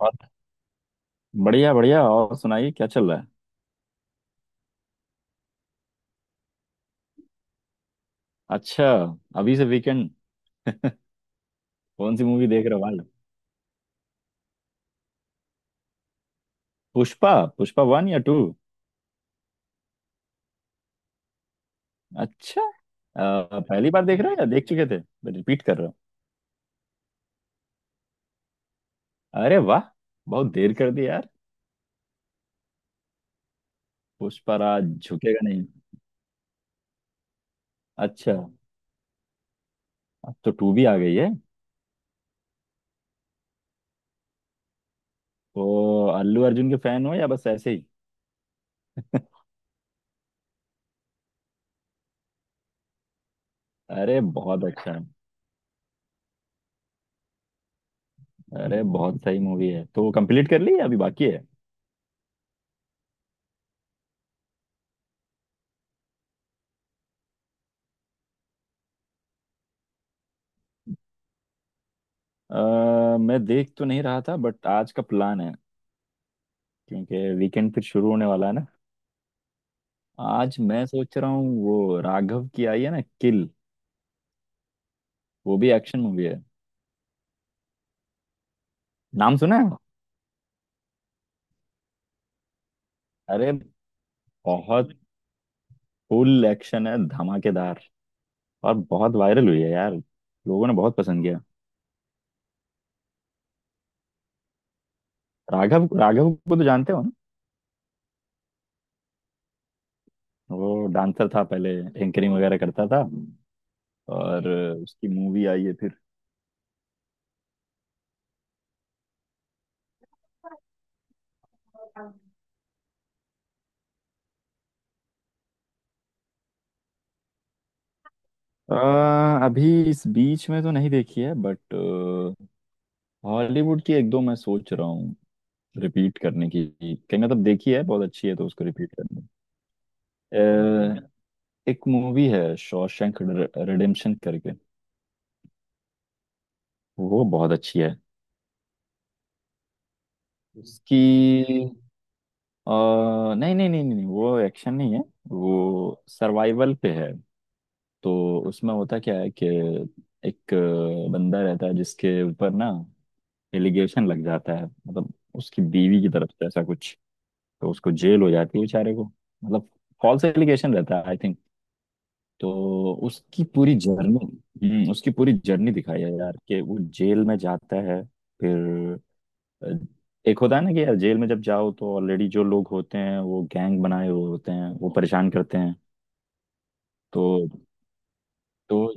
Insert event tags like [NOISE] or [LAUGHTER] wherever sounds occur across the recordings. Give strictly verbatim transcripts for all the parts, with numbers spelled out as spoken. और बढ़िया बढ़िया। और सुनाइए क्या चल रहा है। अच्छा, अभी से वीकेंड। कौन सी मूवी देख रहे हो वाल? पुष्पा। पुष्पा वन या टू? अच्छा। अ, पहली बार देख रहे हो या देख चुके थे? रिपीट कर रहे हो? अरे वाह, बहुत देर कर दी यार। पुष्पा राज झुकेगा नहीं। अच्छा, अब तो टू भी आ गई है। तो अल्लू अर्जुन के फैन हो या बस ऐसे ही? अरे बहुत अच्छा है। अरे बहुत सही मूवी है। तो कंप्लीट कर ली या अभी बाकी है? अ, मैं देख तो नहीं रहा था, बट आज का प्लान है। क्योंकि वीकेंड फिर शुरू होने वाला है ना। आज मैं सोच रहा हूँ वो राघव की आई है ना, किल। वो भी एक्शन मूवी है। नाम सुना है। अरे बहुत, फुल एक्शन है, धमाकेदार। और बहुत वायरल हुई है यार। लोगों ने बहुत पसंद किया। राघव, राघव को तो जानते हो ना। वो डांसर था पहले, एंकरिंग वगैरह करता था। और उसकी मूवी आई है फिर। अ, अभी इस बीच में तो नहीं देखी है, बट हॉलीवुड की एक दो मैं सोच रहा हूँ रिपीट करने की। कहीं मतलब देखी है बहुत अच्छी है तो उसको रिपीट करने। अ, एक मूवी है शॉशैंक रिडेम्पशन करके। वो बहुत अच्छी है। उसकी अ, नहीं नहीं नहीं नहीं नहीं, वो एक्शन नहीं है। वो सर्वाइवल पे है। तो उसमें होता क्या है कि एक अ, बंदा रहता है, जिसके ऊपर ना एलिगेशन लग जाता है, मतलब उसकी बीवी की तरफ से ऐसा कुछ। तो उसको जेल हो जाती है बेचारे को, मतलब फॉल्स एलिगेशन रहता है, आई थिंक। तो उसकी पूरी जर्नी, हम्म उसकी पूरी जर्नी दिखाई है यार, कि वो जेल में जाता है। फिर अ, एक होता है ना कि यार जेल में जब जाओ तो ऑलरेडी जो लोग होते हैं वो गैंग बनाए हुए होते हैं, वो परेशान करते हैं। तो तो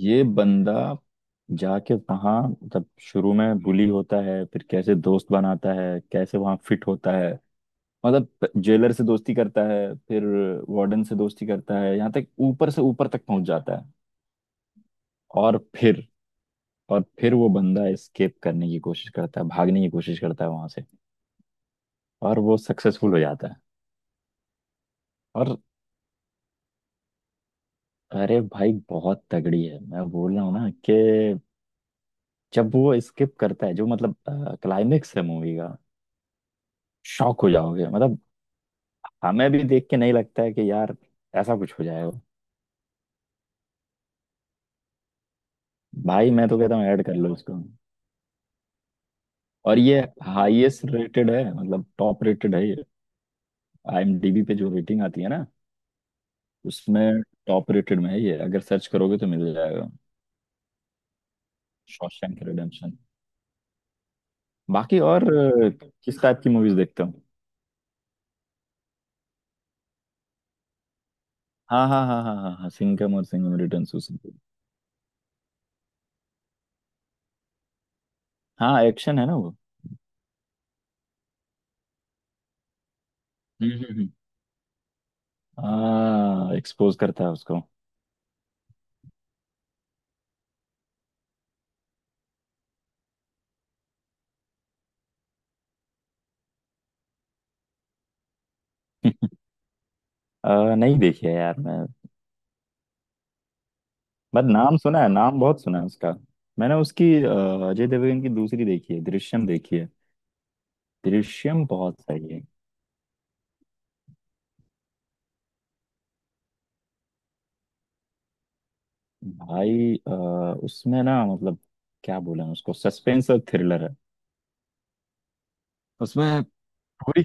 ये बंदा जाके वहाँ, मतलब शुरू में बुली होता है, फिर कैसे दोस्त बनाता है, कैसे वहाँ फिट होता है। मतलब जेलर से दोस्ती करता है, फिर वार्डन से दोस्ती करता है, यहाँ तक ऊपर से ऊपर तक पहुंच जाता है। और फिर, और फिर वो बंदा एस्केप करने की कोशिश करता है, भागने की कोशिश करता है वहां से। और वो सक्सेसफुल हो जाता है। और अरे भाई बहुत तगड़ी है, मैं बोल रहा हूँ ना कि जब वो एस्केप करता है जो मतलब क्लाइमेक्स है मूवी का, शॉक हो जाओगे मतलब। हमें भी देख के नहीं लगता है कि यार ऐसा कुछ हो जाएगा। भाई मैं तो कहता हूँ ऐड कर लो उसको। और ये हाईएस्ट रेटेड है, मतलब टॉप रेटेड है ये। आईएमडीबी पे जो रेटिंग आती है ना, उसमें टॉप रेटेड में है ये। अगर सर्च करोगे तो मिल जाएगा, शॉशैंक रिडेम्पशन। बाकी और अ, किस टाइप की मूवीज देखते हो? हाँ हाँ हाँ हाँ हाँ हाँ, सिंघम और सिंघम रिटर्न्स उसी। हाँ एक्शन है ना वो। हम्म हम्म हम्म। हाँ एक्सपोज करता है उसको। [LAUGHS] अ, नहीं देखी है यार मैं, बट नाम सुना है, नाम बहुत सुना है उसका। मैंने उसकी अ, अजय देवगन की दूसरी देखी है, दृश्यम देखी है। दृश्यम बहुत सही है। भाई अ, उसमें ना मतलब क्या बोले उसको, सस्पेंस और थ्रिलर है। उसमें पूरी,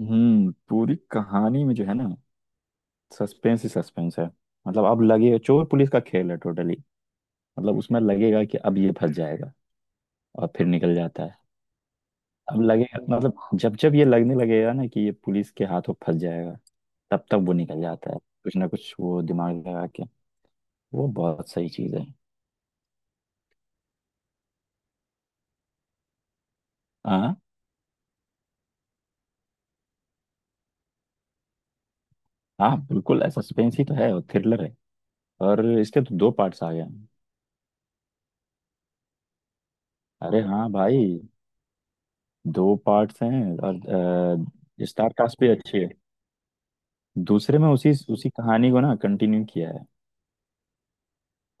हम्म पूरी कहानी में जो है ना, सस्पेंस ही सस्पेंस है। मतलब अब लगे चोर पुलिस का खेल है टोटली। मतलब उसमें लगेगा कि अब ये फंस जाएगा, और फिर निकल जाता है। अब लगेगा, मतलब जब जब ये लगने लगेगा ना कि ये पुलिस के हाथों फंस जाएगा, तब तक वो निकल जाता है कुछ ना कुछ वो दिमाग लगा के। वो बहुत सही चीज है। हाँ, हाँ बिल्कुल सस्पेंस ही तो है और थ्रिलर है। और इसके तो दो पार्ट्स आ गए हैं। अरे हाँ भाई, दो पार्ट्स हैं। और स्टार कास्ट भी अच्छी है। दूसरे में उसी उसी कहानी को ना कंटिन्यू किया है।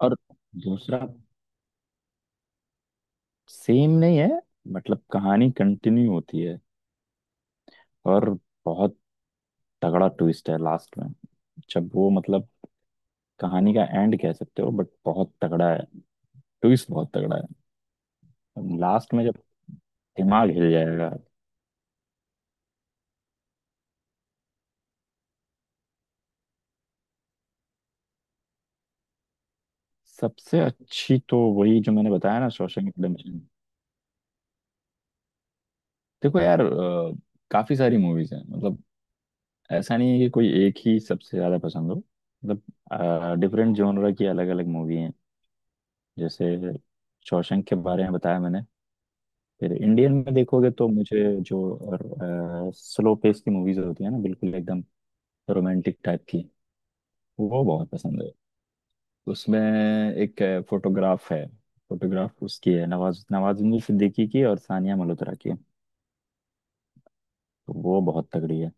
और दूसरा सेम नहीं है, मतलब कहानी कंटिन्यू होती है। और बहुत तगड़ा ट्विस्ट है लास्ट में, जब वो मतलब कहानी का एंड कह सकते हो, बट बहुत तगड़ा है ट्विस्ट, बहुत तगड़ा है लास्ट में। जब दिमाग हिल जाएगा। सबसे अच्छी तो वही जो मैंने बताया ना, शॉशैंक रिडेम्पशन। देखो यार, अ, काफी सारी मूवीज हैं, मतलब ऐसा नहीं है कि कोई एक ही सबसे ज्यादा पसंद हो। मतलब डिफरेंट जॉनरा की अलग अलग मूवी हैं। जैसे शॉशैंक के बारे में बताया मैंने। फिर इंडियन में देखोगे तो मुझे जो स्लो पेस की मूवीज होती है ना बिल्कुल एकदम, रोमांटिक टाइप की, वो बहुत पसंद है। उसमें एक फोटोग्राफ है। फोटोग्राफ उसकी है, नवाज, नवाजुद्दीन सिद्दीकी की और सानिया मल्होत्रा की। तो वो बहुत तगड़ी है।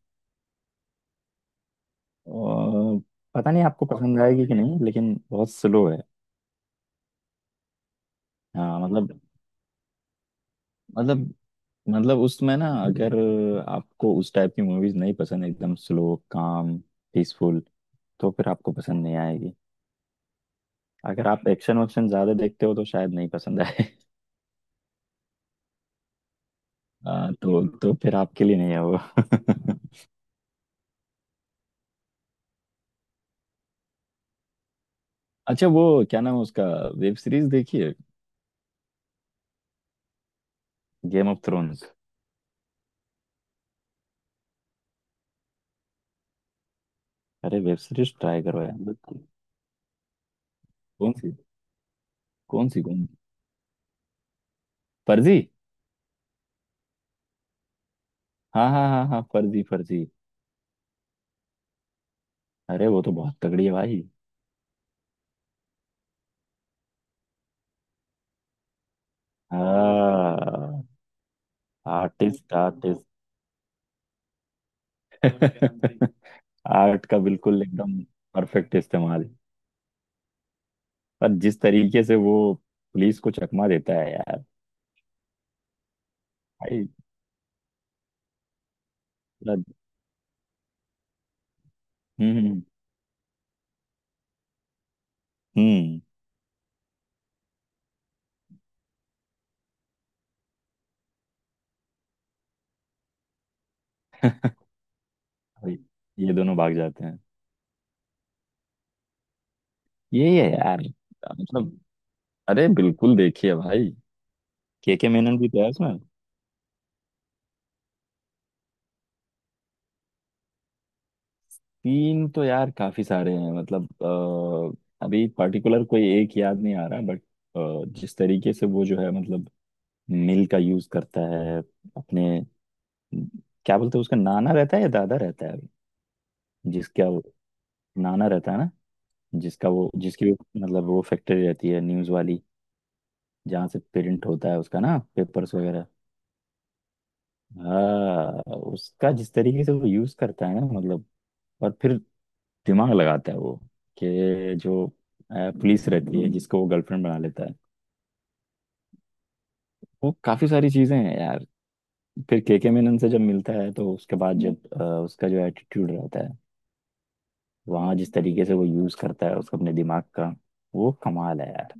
और पता नहीं आपको पसंद आएगी कि नहीं लेकिन बहुत स्लो है। हाँ मतलब, मतलब मतलब उसमें ना अगर आपको उस टाइप की मूवीज नहीं पसंद, एकदम स्लो काम, पीसफुल, तो फिर आपको पसंद नहीं आएगी। अगर आप एक्शन वक्शन ज्यादा देखते हो तो शायद नहीं पसंद आए। [LAUGHS] आ, तो तो फिर आपके लिए नहीं है वो। अच्छा, वो क्या नाम है उसका, वेब सीरीज देखिए, गेम ऑफ थ्रोन्स। अरे वेब सीरीज ट्राई करो यार बिल्कुल। कौन सी, कौन सी? कौन सी फर्जी? हाँ हाँ हाँ हाँ फर्जी फर्जी। अरे वो तो बहुत तगड़ी है भाई। हाँ। Artist, artist. [LAUGHS] आर्ट का बिल्कुल एकदम परफेक्ट इस्तेमाल। पर जिस तरीके से वो पुलिस को चकमा देता है यार, भाई। मतलब, हम्म हम्म हम्म, भाई, ये दोनों भाग जाते हैं। यही है यार मतलब, अरे बिल्कुल देखिए भाई। के के मेनन भी तो है उसमें। तीन तो यार काफी सारे हैं मतलब, अ, अभी पर्टिकुलर कोई एक याद नहीं आ रहा, बट जिस तरीके से वो जो है मतलब मिल का यूज करता है अपने, क्या बोलते हैं उसका, नाना रहता है या दादा रहता है, जिसका नाना रहता है ना, जिसका वो जिसकी वो, मतलब वो फैक्ट्री रहती है न्यूज वाली, जहाँ से प्रिंट होता है उसका ना, पेपर्स वगैरह। हाँ उसका जिस तरीके से वो यूज करता है ना, मतलब, और फिर दिमाग लगाता है वो, कि जो अ, पुलिस रहती है जिसको वो गर्लफ्रेंड बना लेता है। वो काफी सारी चीजें हैं यार। फिर केके मेनन से जब मिलता है तो उसके बाद जब अ, उसका जो एटीट्यूड रहता है वहाँ, जिस तरीके से वो यूज करता है उसको अपने दिमाग का, वो कमाल है यार।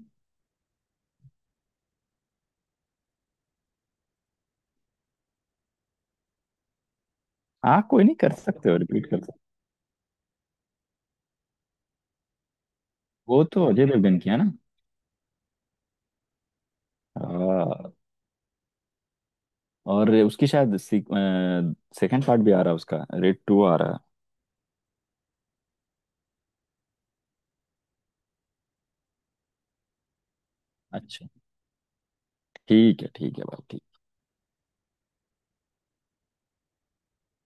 हाँ कोई नहीं, कर सकते हो रिपीट कर। वो तो अजय देवगन की है ना। हाँ, और उसकी शायद सेकंड पार्ट भी आ रहा है, उसका रेड टू आ रहा है। अच्छा, ठीक है ठीक है भाई, ठीक।